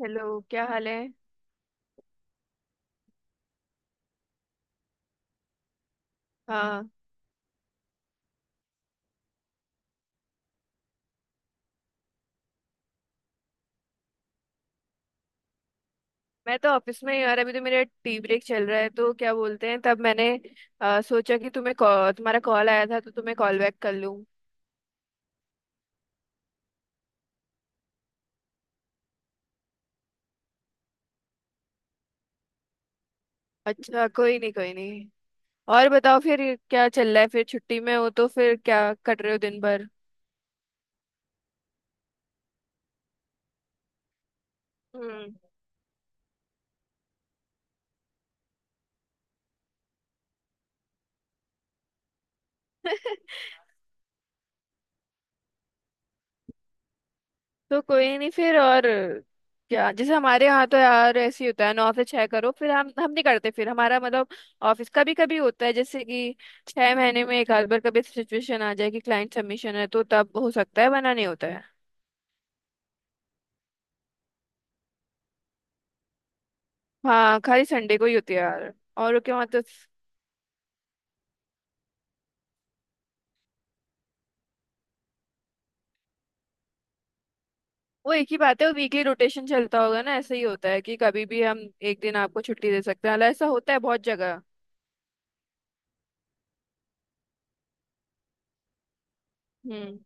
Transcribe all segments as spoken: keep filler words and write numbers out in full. Hello, क्या हाल है? हाँ, मैं तो ऑफिस में ही यार। अभी तो मेरा टी ब्रेक चल रहा है, तो क्या बोलते हैं, तब मैंने अ, सोचा कि तुम्हें कॉ- तुम्हारा कॉल आया था, तो तुम्हें कॉल बैक कर लूँ। अच्छा, कोई नहीं कोई नहीं। और बताओ फिर। क्या चल रहा है, फिर छुट्टी में हो तो फिर क्या कर रहे हो दिन भर? हम्म। तो कोई नहीं फिर। और क्या, जैसे हमारे यहाँ तो यार ऐसे ही होता है, नौ से छः करो, फिर हम हम नहीं करते, फिर हमारा मतलब ऑफिस का भी कभी होता है, जैसे कि छह महीने में एक आध बार कभी सिचुएशन आ जाए कि क्लाइंट सबमिशन है, तो तब हो सकता है, वरना नहीं होता है। हाँ, खाली संडे को ही होती है यार। और क्या, वहाँ तो वो एक ही बात है। वो वीकली रोटेशन चलता होगा ना, ऐसे ही होता है कि कभी भी हम एक दिन आपको छुट्टी दे सकते हैं, हालांकि ऐसा होता है बहुत जगह। हम्म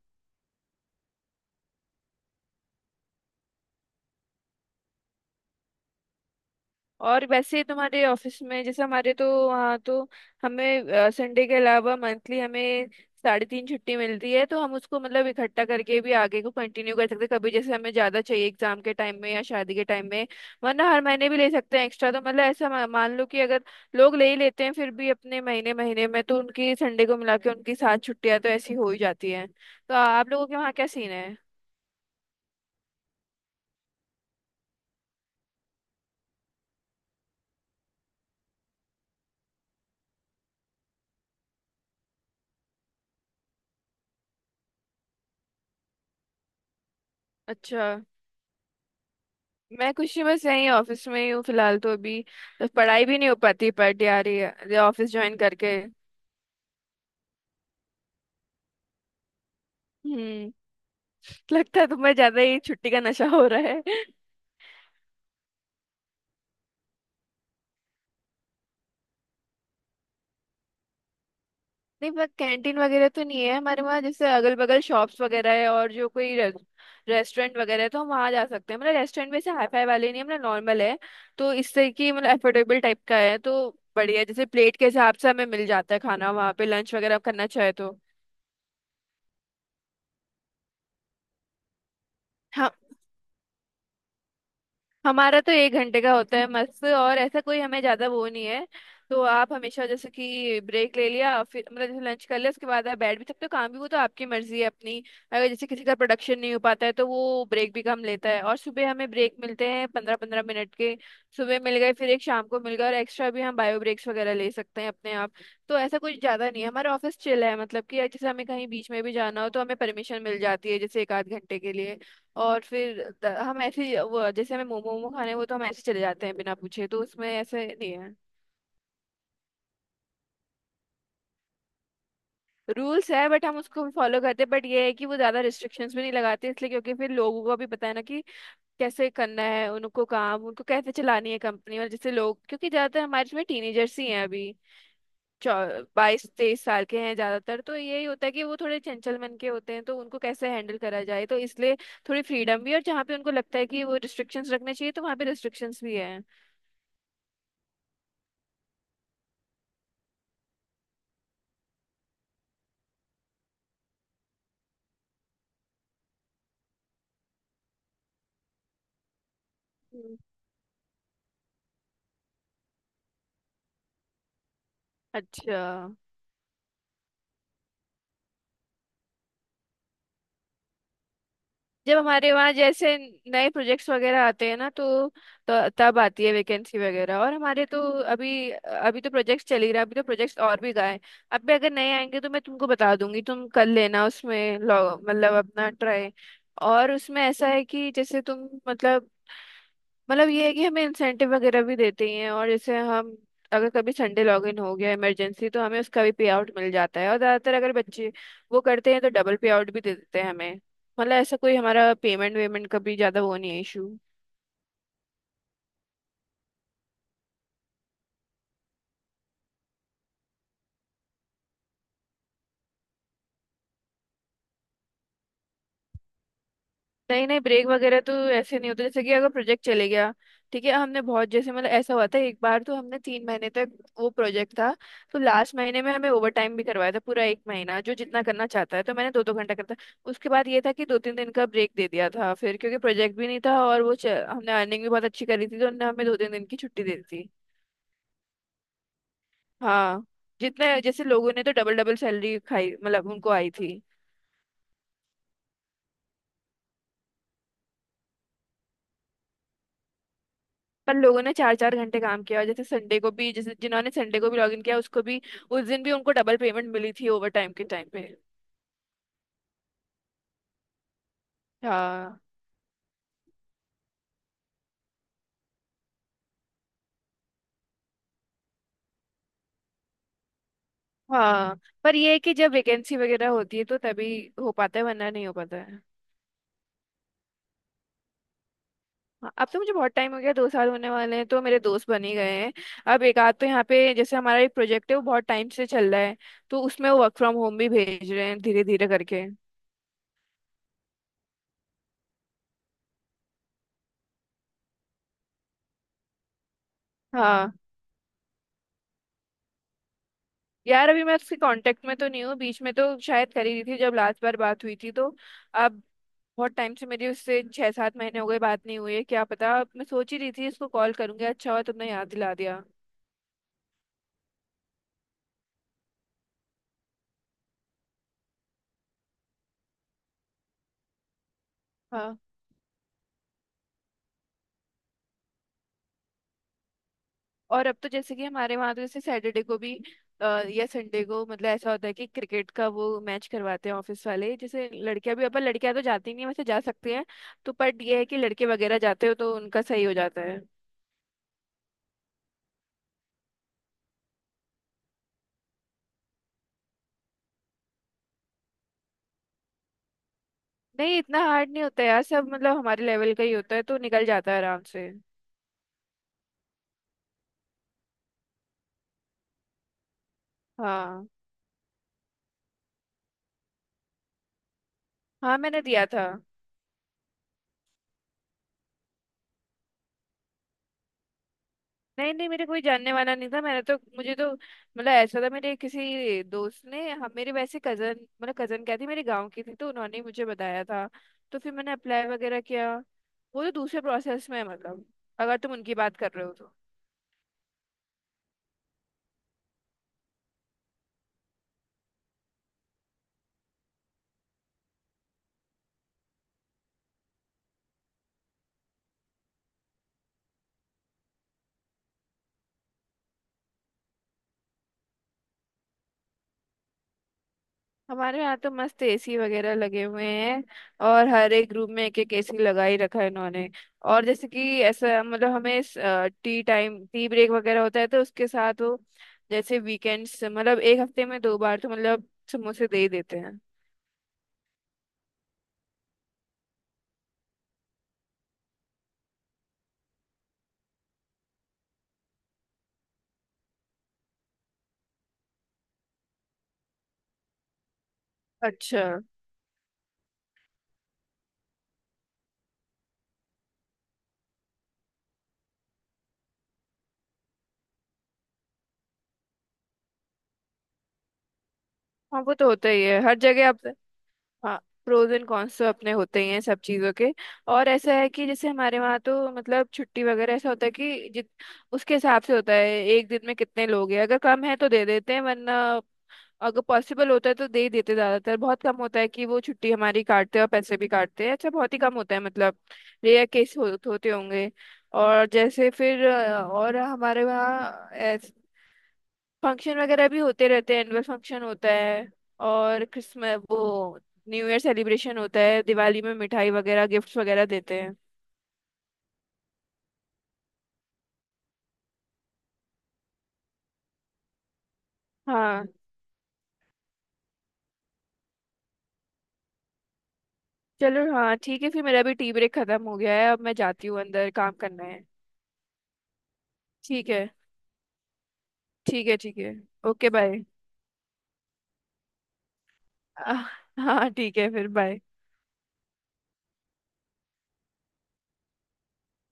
और वैसे तुम्हारे ऑफिस में, जैसे हमारे तो वहाँ तो हमें संडे के अलावा मंथली हमें साढ़े तीन छुट्टी मिलती है, तो हम उसको मतलब इकट्ठा करके भी आगे को कंटिन्यू कर सकते हैं, कभी जैसे हमें ज़्यादा चाहिए एग्जाम के टाइम में या शादी के टाइम में, वरना हर महीने भी ले सकते हैं एक्स्ट्रा। तो मतलब ऐसा मा- मान लो कि अगर लोग ले ही लेते हैं फिर भी अपने महीने महीने में, तो उनकी संडे को मिला के उनकी सात छुट्टियाँ तो ऐसी हो ही जाती हैं। तो आ- आप लोगों के वहाँ क्या सीन है? अच्छा। मैं कुछ नहीं, बस यहीं ऑफिस में ही हूँ फिलहाल तो अभी, तो पढ़ाई भी नहीं हो पाती, बट यार ये ये ऑफिस ज्वाइन करके। हम्म लगता है तुम्हें ज्यादा ही छुट्टी का नशा हो रहा है। नहीं, पर कैंटीन वगैरह तो नहीं है हमारे वहाँ। जैसे अगल बगल शॉप्स वगैरह है, और जो कोई रे, रेस्टोरेंट वगैरह है, तो हम वहाँ जा सकते हैं। मतलब रेस्टोरेंट वैसे हाई फाई वाले नहीं है, मतलब नॉर्मल है, तो इससे कि मतलब अफोर्डेबल टाइप का है, तो बढ़िया। जैसे प्लेट के हिसाब से हमें मिल जाता है खाना वहाँ पे, लंच वगैरह करना चाहे तो। हाँ, हमारा तो एक घंटे का होता है, मस्त। और ऐसा कोई हमें ज्यादा वो नहीं है, तो आप हमेशा जैसे कि ब्रेक ले लिया, फिर मतलब जैसे लंच कर लिया, उसके बाद आप बैठ भी सकते हो, काम भी, वो तो आपकी मर्जी है अपनी। अगर जैसे किसी का प्रोडक्शन नहीं हो पाता है, तो वो ब्रेक भी कम लेता है। और सुबह हमें ब्रेक मिलते हैं पंद्रह पंद्रह मिनट के। सुबह मिल गए, फिर एक शाम को मिल गए, और एक्स्ट्रा भी हम बायो ब्रेक्स वगैरह ले सकते हैं अपने आप। तो ऐसा कुछ ज्यादा नहीं है, हमारा ऑफिस चिल है, मतलब कि जैसे हमें कहीं बीच में भी जाना हो, तो हमें परमिशन मिल जाती है जैसे एक आध घंटे के लिए। और फिर द- हम ऐसे ही- वो जैसे हमें मोमो मोमो खाने हैं, वो तो हम ऐसे चले जाते हैं बिना पूछे, तो उसमें ऐसे नहीं है। रूल्स है, बट हम उसको फॉलो करते हैं। बट ये है कि वो ज्यादा रिस्ट्रिक्शंस भी नहीं लगाते इसलिए, क्योंकि फिर लोगों को भी पता है ना कि कैसे करना है उनको, काम उनको कैसे चलानी है कंपनी। और जैसे लोग, क्योंकि ज्यादातर हमारे इसमें टीनेजर्स ही हैं अभी, बाईस तेईस साल के हैं ज्यादातर। तो यही होता है कि वो थोड़े चंचल मन के होते हैं, तो उनको कैसे हैंडल करा जाए, तो इसलिए थोड़ी फ्रीडम भी। और जहाँ पे उनको लगता है कि वो रिस्ट्रिक्शंस रखने चाहिए, तो वहाँ पे रिस्ट्रिक्शंस भी है। अच्छा। जब हमारे वहाँ जैसे नए प्रोजेक्ट्स वगैरह आते हैं ना, तो, तो तब आती है वैकेंसी वगैरह। और हमारे तो अभी अभी तो प्रोजेक्ट्स चल ही रहा है, अभी तो प्रोजेक्ट्स और भी गए हैं। अब भी अगर नए आएंगे तो मैं तुमको बता दूंगी, तुम कर लेना उसमें लॉ- मतलब अपना ट्राई। और उसमें ऐसा है कि जैसे तुम मतलब मतलब ये है कि हमें इंसेंटिव वगैरह भी देते ही हैं। और जैसे हम, अगर कभी संडे लॉग इन हो गया इमरजेंसी, तो हमें उसका भी पे आउट मिल जाता है। और ज़्यादातर अगर बच्चे वो करते हैं, तो डबल पे आउट भी दे देते हैं हमें। मतलब ऐसा कोई हमारा पेमेंट वेमेंट का भी ज़्यादा वो नहीं है इशू। नहीं नहीं, ब्रेक वगैरह तो ऐसे नहीं होता। जैसे कि अगर प्रोजेक्ट चले गया, ठीक है। हमने बहुत जैसे मतलब ऐसा हुआ था एक बार, तो हमने तीन महीने तक वो प्रोजेक्ट था, तो लास्ट महीने में हमें ओवर टाइम भी करवाया था पूरा एक महीना, जो जितना करना चाहता है। तो मैंने दो दो घंटा करता। उसके बाद ये था कि दो तीन दिन का ब्रेक दे दिया था फिर, क्योंकि प्रोजेक्ट भी नहीं था। और वो च- हमने अर्निंग भी बहुत अच्छी करी थी, तो उन्होंने हमें दो तीन दिन की छुट्टी दे दी थी। हाँ, जितने जैसे लोगों ने तो डबल डबल सैलरी खाई, मतलब उनको आई थी। पर लोगों ने चार चार घंटे काम किया, और जैसे संडे को भी, जैसे जिन्होंने संडे को भी लॉगिन किया, उसको भी उस दिन भी उनको डबल पेमेंट मिली थी ओवर टाइम के टाइम पे। हाँ। हाँ, पर ये है कि जब वैकेंसी वगैरह होती है तो तभी हो पाता है, वरना नहीं हो पाता है। हाँ, अब तो मुझे बहुत टाइम हो गया, दो साल होने वाले हैं, तो मेरे दोस्त बन ही गए हैं। अब एक आध, तो यहाँ पे जैसे हमारा एक प्रोजेक्ट है वो बहुत टाइम से चल रहा है, तो उसमें वो वर्क फ्रॉम होम भी भेज रहे हैं धीरे धीरे करके। हाँ। यार अभी मैं उसके कांटेक्ट में तो नहीं हूँ। बीच में तो शायद कर ही रही थी जब लास्ट बार बात हुई थी तो। अब बहुत टाइम से मेरी उससे छह सात महीने हो गए बात नहीं हुई है। क्या पता, मैं सोच ही रही थी इसको कॉल करूंगी, अच्छा हुआ तुमने याद दिला दिया। हाँ। और अब तो जैसे कि हमारे वहाँ तो, जैसे सैटरडे को भी अ, या संडे को, मतलब ऐसा होता है कि क्रिकेट का वो मैच करवाते हैं ऑफिस वाले। जैसे लड़कियां भी, अपन लड़कियां तो जाती नहीं है, वैसे जा सकती हैं तो। पर ये है कि लड़के वगैरह जाते हो तो उनका सही हो जाता है। नहीं, इतना हार्ड नहीं होता यार। सब मतलब हमारे लेवल का ही होता है, तो निकल जाता है आराम से। हाँ। हाँ, मैंने दिया था। नहीं नहीं, मेरे कोई जानने वाला नहीं था। मैंने तो, मुझे तो मतलब ऐसा था, मेरे किसी दोस्त ने, हम मेरे वैसे कजन, मतलब कजन क्या थी मेरे गांव की थी, तो उन्होंने ही मुझे बताया था। तो फिर मैंने अप्लाई वगैरह किया। वो तो दूसरे प्रोसेस में है, मतलब अगर तुम उनकी बात कर रहे हो तो। हमारे यहाँ तो मस्त एसी वगैरह लगे हुए हैं, और हर एक रूम में एक एक एसी लगा ही रखा है इन्होंने। और जैसे कि ऐसा मतलब, हमें टी टाइम टी ब्रेक वगैरह होता है, तो उसके साथ वो जैसे वीकेंड्स, मतलब एक हफ्ते में दो बार तो, मतलब समोसे दे ही देते हैं। अच्छा। हाँ, वो तो होता ही है हर जगह आप। हाँ, प्रोज एंड कॉन्स तो अपने होते ही हैं सब चीज़ों के। और ऐसा है कि जैसे हमारे वहाँ तो मतलब छुट्टी वगैरह ऐसा होता है कि जित, उसके हिसाब से होता है एक दिन में कितने लोग हैं। अगर कम है तो दे देते हैं, वरना अगर पॉसिबल होता है तो दे ही देते। ज्यादातर बहुत कम होता है कि वो छुट्टी हमारी काटते हैं और पैसे भी काटते हैं अच्छा, बहुत ही कम होता है। मतलब रेयर केस हो, होते होंगे। और जैसे फिर अ, और हमारे वहाँ फंक्शन वगैरह भी होते रहते हैं, एनुअल फंक्शन होता है। और क्रिसमस, वो न्यू ईयर सेलिब्रेशन होता है, दिवाली में मिठाई वगैरह गिफ्ट्स वगैरह देते हैं। हाँ। चलो, हाँ ठीक है फिर। मेरा भी टी ब्रेक खत्म हो गया है, अब मैं जाती हूँ अंदर काम करना है। ठीक है। ठीक है ठीक है। Okay bye. आह, हाँ ठीक है फिर बाय।